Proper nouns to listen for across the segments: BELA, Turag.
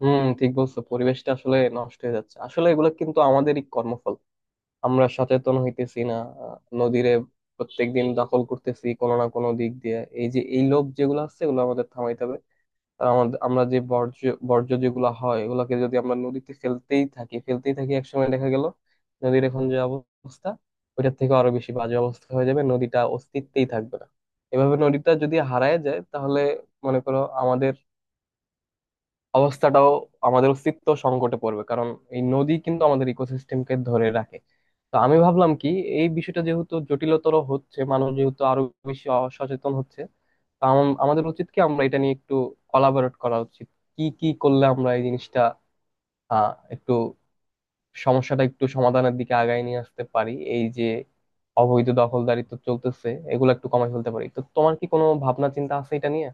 হুম, ঠিক বলছো। পরিবেশটা আসলে নষ্ট হয়ে যাচ্ছে, আসলে এগুলো কিন্তু আমাদেরই কর্মফল। আমরা সচেতন হইতেছি না। আহ, নদীরে প্রত্যেকদিন দখল করতেছি কোনো না কোনো দিক দিয়ে। এই যে এই লোভ যেগুলো আছে, এগুলো আমাদের থামাইতে হবে। আর আমাদের আমরা যে বর্জ্য, বর্জ্য যেগুলো হয় এগুলোকে যদি আমরা নদীতে ফেলতেই থাকি, একসময় দেখা গেল নদীর এখন যে অবস্থা ওইটার থেকে আরো বেশি বাজে অবস্থা হয়ে যাবে, নদীটা অস্তিত্বেই থাকবে না। এভাবে নদীটা যদি হারায় যায়, তাহলে মনে করো আমাদের অবস্থাটাও, আমাদের অস্তিত্ব সংকটে পড়বে। কারণ এই নদী কিন্তু আমাদের ইকোসিস্টেমকে ধরে রাখে। তো আমি ভাবলাম কি, এই বিষয়টা যেহেতু জটিলতর হচ্ছে, মানুষ যেহেতু আরো বেশি সচেতন হচ্ছে, তো আমাদের উচিত কি আমরা এটা নিয়ে একটু কলাবরেট করা উচিত। কি কি করলে আমরা এই জিনিসটা একটু, সমস্যাটা একটু সমাধানের দিকে আগায় নিয়ে আসতে পারি। এই যে অবৈধ দখলদারিত্ব চলতেছে, এগুলো একটু কমায় ফেলতে পারি। তো তোমার কি কোনো ভাবনা চিন্তা আছে এটা নিয়ে?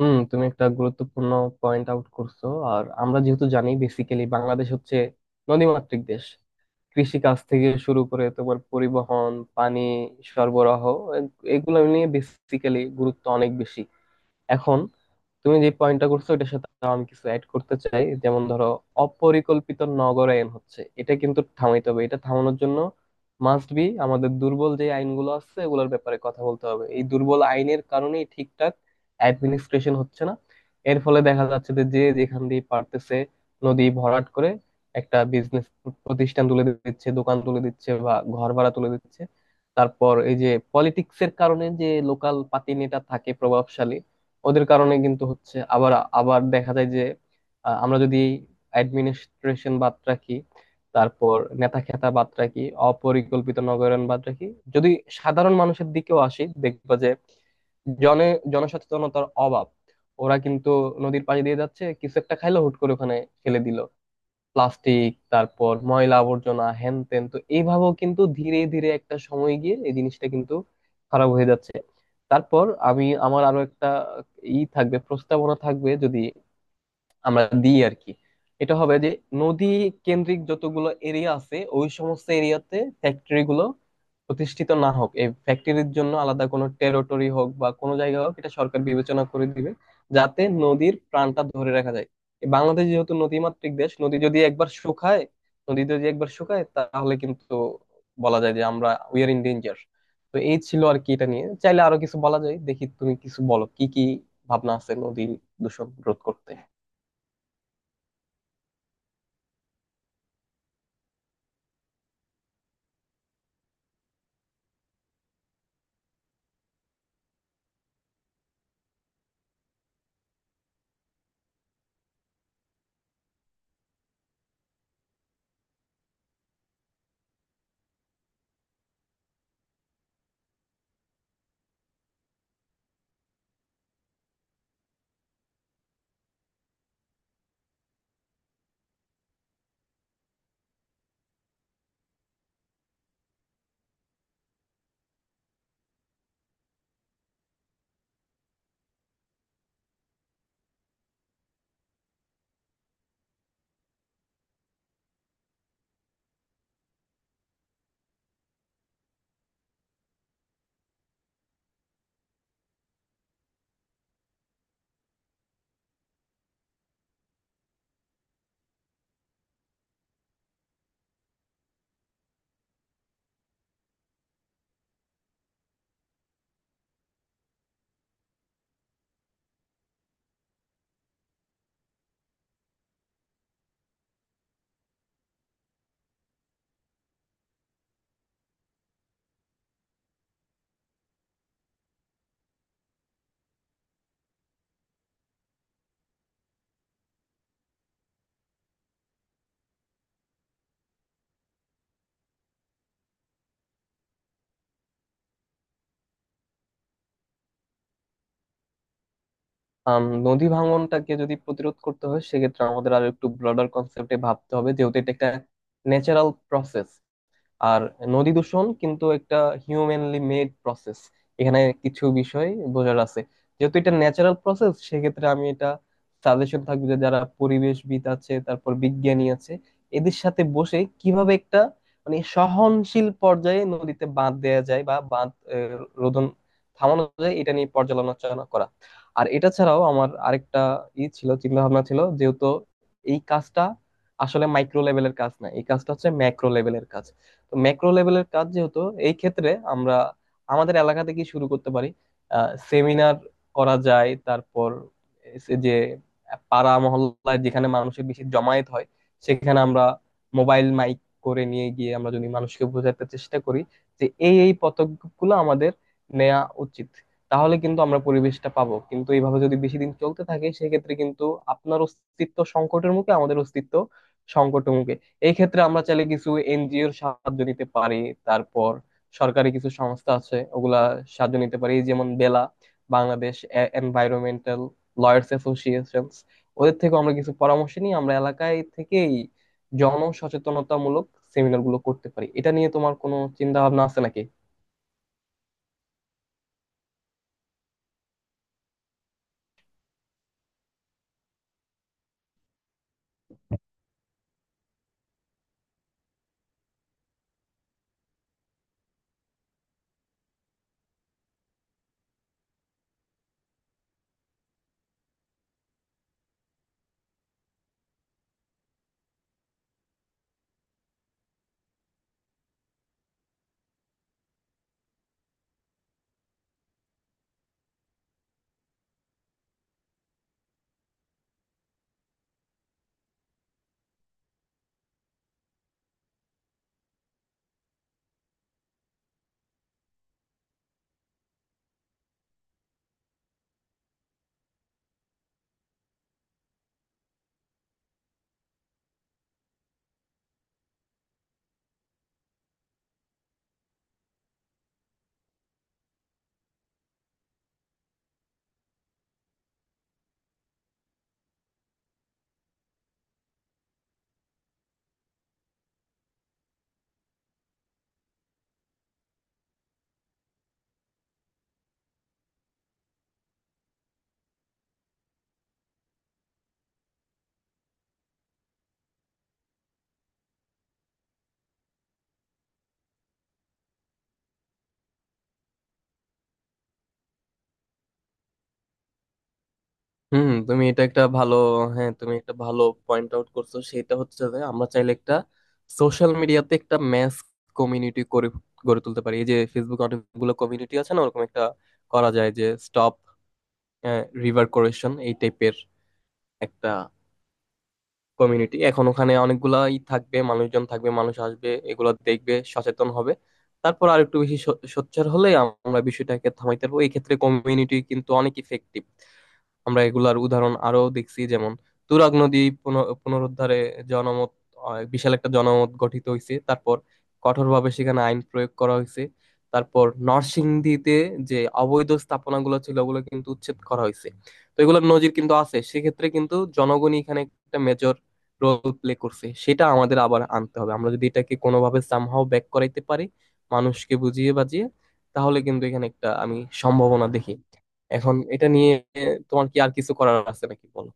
হুম, তুমি একটা গুরুত্বপূর্ণ পয়েন্ট আউট করছো। আর আমরা যেহেতু জানি, বেসিক্যালি বাংলাদেশ হচ্ছে নদীমাতৃক দেশ। কৃষিকাজ থেকে শুরু করে তোমার পরিবহন, পানি সরবরাহ, এ- এগুলো নিয়ে বেসিক্যালি গুরুত্ব অনেক বেশি। এখন তুমি যে পয়েন্টটা করছো এটার সাথে আরো আমি কিছু অ্যাড করতে চাই। যেমন ধরো, অপরিকল্পিত নগরায়ন হচ্ছে, এটা কিন্তু থামাইতে হবে। এটা থামানোর জন্য মাস্ট বি আমাদের দুর্বল যে আইনগুলো আছে এগুলোর ব্যাপারে কথা বলতে হবে। এই দুর্বল আইনের কারণেই ঠিকঠাক অ্যাডমিনিস্ট্রেশন হচ্ছে না। এর ফলে দেখা যাচ্ছে যে যে যেখান দিয়ে পারতেছে নদী ভরাট করে একটা বিজনেস প্রতিষ্ঠান তুলে দিচ্ছে, দোকান তুলে দিচ্ছে, বা ঘর ভাড়া তুলে দিচ্ছে। তারপর এই যে পলিটিক্সের কারণে যে লোকাল পাতি নেতা থাকে প্রভাবশালী, ওদের কারণে কিন্তু হচ্ছে। আবার আবার দেখা যায় যে, আমরা যদি অ্যাডমিনিস্ট্রেশন বাদ রাখি, তারপর নেতা খেতা বাদ রাখি, অপরিকল্পিত নগরায়ন বাদ রাখি, যদি সাধারণ মানুষের দিকেও আসি, দেখবা যে জনে জনসচেতনতার অভাব। ওরা কিন্তু নদীর পাড়ে দিয়ে যাচ্ছে, কিছু একটা খাইলো, হুট করে ওখানে ফেলে দিল প্লাস্টিক, তারপর ময়লা আবর্জনা, হ্যান ত্যান। তো এইভাবেও কিন্তু ধীরে ধীরে একটা সময় গিয়ে এই জিনিসটা কিন্তু খারাপ হয়ে যাচ্ছে। তারপর আমি আমার আরো একটা ই থাকবে প্রস্তাবনা থাকবে, যদি আমরা দিই আর কি। এটা হবে যে নদী কেন্দ্রিক যতগুলো এরিয়া আছে, ওই সমস্ত এরিয়াতে ফ্যাক্টরি গুলো প্রতিষ্ঠিত না হোক। এই ফ্যাক্টরির জন্য আলাদা কোনো টেরিটরি হোক বা কোনো জায়গা হোক, এটা সরকার বিবেচনা করে দিবে, যাতে নদীর প্রাণটা ধরে রাখা যায়। এই বাংলাদেশ যেহেতু নদীমাতৃক দেশ, নদী যদি একবার শুকায়, তাহলে কিন্তু বলা যায় যে আমরা উই আর ইন ডেঞ্জার। তো এই ছিল আর কি, এটা নিয়ে চাইলে আরো কিছু বলা যায়। দেখি তুমি কিছু বলো কি কি ভাবনা আছে নদী দূষণ রোধ করতে। নদী ভাঙনটাকে যদি প্রতিরোধ করতে হয়, সেক্ষেত্রে আমাদের আরো একটু ব্রডার কনসেপ্টে ভাবতে হবে, যেহেতু এটা একটা ন্যাচারাল প্রসেস। আর নদী দূষণ কিন্তু একটা হিউম্যানলি মেড প্রসেস। এখানে কিছু বিষয় বোঝার আছে। যেহেতু এটা ন্যাচারাল প্রসেস, সেক্ষেত্রে আমি এটা সাজেশন থাকবে যে যারা পরিবেশবিদ আছে, তারপর বিজ্ঞানী আছে, এদের সাথে বসে কিভাবে একটা মানে সহনশীল পর্যায়ে নদীতে বাঁধ দেয়া যায়, বা বাঁধ আহ, রোধন, থামানো যায়, এটা নিয়ে পর্যালোচনা করা। আর এটা ছাড়াও আমার আরেকটা ই ছিল চিন্তা ভাবনা ছিল। যেহেতু এই কাজটা আসলে মাইক্রো লেভেলের কাজ না, এই কাজটা হচ্ছে ম্যাক্রো লেভেলের কাজ। তো ম্যাক্রো লেভেলের কাজ যেহেতু, এই ক্ষেত্রে আমরা আমাদের এলাকা থেকে শুরু করতে পারি। সেমিনার করা যায়। তারপর এসে যে পাড়া মহল্লায় যেখানে মানুষের বেশি জমায়েত হয়, সেখানে আমরা মোবাইল মাইক করে নিয়ে গিয়ে আমরা যদি মানুষকে বোঝাতে চেষ্টা করি যে এই এই পদক্ষেপগুলো আমাদের নেওয়া উচিত, তাহলে কিন্তু আমরা পরিবেশটা পাবো। কিন্তু এইভাবে যদি বেশি দিন চলতে থাকে, সেক্ষেত্রে কিন্তু আপনার অস্তিত্ব সংকটের মুখে আমাদের অস্তিত্ব সংকটের মুখে। এই ক্ষেত্রে আমরা চাইলে কিছু এনজিওর সাহায্য নিতে পারি। তারপর সরকারি কিছু সংস্থা আছে, ওগুলা সাহায্য নিতে পারি, যেমন BELA, Bangladesh environmental lawyers association. ওদের থেকে আমরা কিছু পরামর্শ নিয়ে আমরা এলাকায় থেকেই জনসচেতনতামূলক সেমিনার গুলো করতে পারি। এটা নিয়ে তোমার কোনো চিন্তা ভাবনা আছে নাকি? হুম, তুমি এটা একটা ভালো হ্যাঁ, তুমি একটা ভালো পয়েন্ট আউট করছো। সেটা হচ্ছে যে আমরা চাইলে একটা সোশ্যাল মিডিয়াতে একটা ম্যাস কমিউনিটি করে গড়ে তুলতে পারি। এই যে ফেসবুক অনেকগুলো কমিউনিটি আছে না, ওরকম একটা করা যায়, যে স্টপ রিভার কোরেশন, এই টাইপের একটা কমিউনিটি। এখন ওখানে অনেকগুলাই থাকবে, মানুষজন থাকবে, মানুষ আসবে, এগুলো দেখবে, সচেতন হবে। তারপর আর একটু বেশি সোচ্চার হলে আমরা বিষয়টাকে থামাইতে পারবো। এই ক্ষেত্রে কমিউনিটি কিন্তু অনেক ইফেক্টিভ। আমরা এগুলার উদাহরণ আরো দেখছি, যেমন তুরাগ নদী পুনরুদ্ধারে জনমত, বিশাল একটা জনমত গঠিত হয়েছে। তারপর কঠোরভাবে সেখানে আইন প্রয়োগ করা হয়েছে। তারপর নরসিংদীতে যে অবৈধ স্থাপনাগুলো ছিল, ওগুলো কিন্তু উচ্ছেদ করা হয়েছে। তো এগুলোর নজির কিন্তু আছে। সেক্ষেত্রে কিন্তু জনগণই এখানে একটা মেজর রোল প্লে করছে। সেটা আমাদের আবার আনতে হবে। আমরা যদি এটাকে কোনোভাবে সামহাও ব্যাক করাইতে পারি, মানুষকে বুঝিয়ে বাজিয়ে, তাহলে কিন্তু এখানে একটা আমি সম্ভাবনা দেখি। এখন এটা নিয়ে তোমার কি আর কিছু করার আছে নাকি, বলো।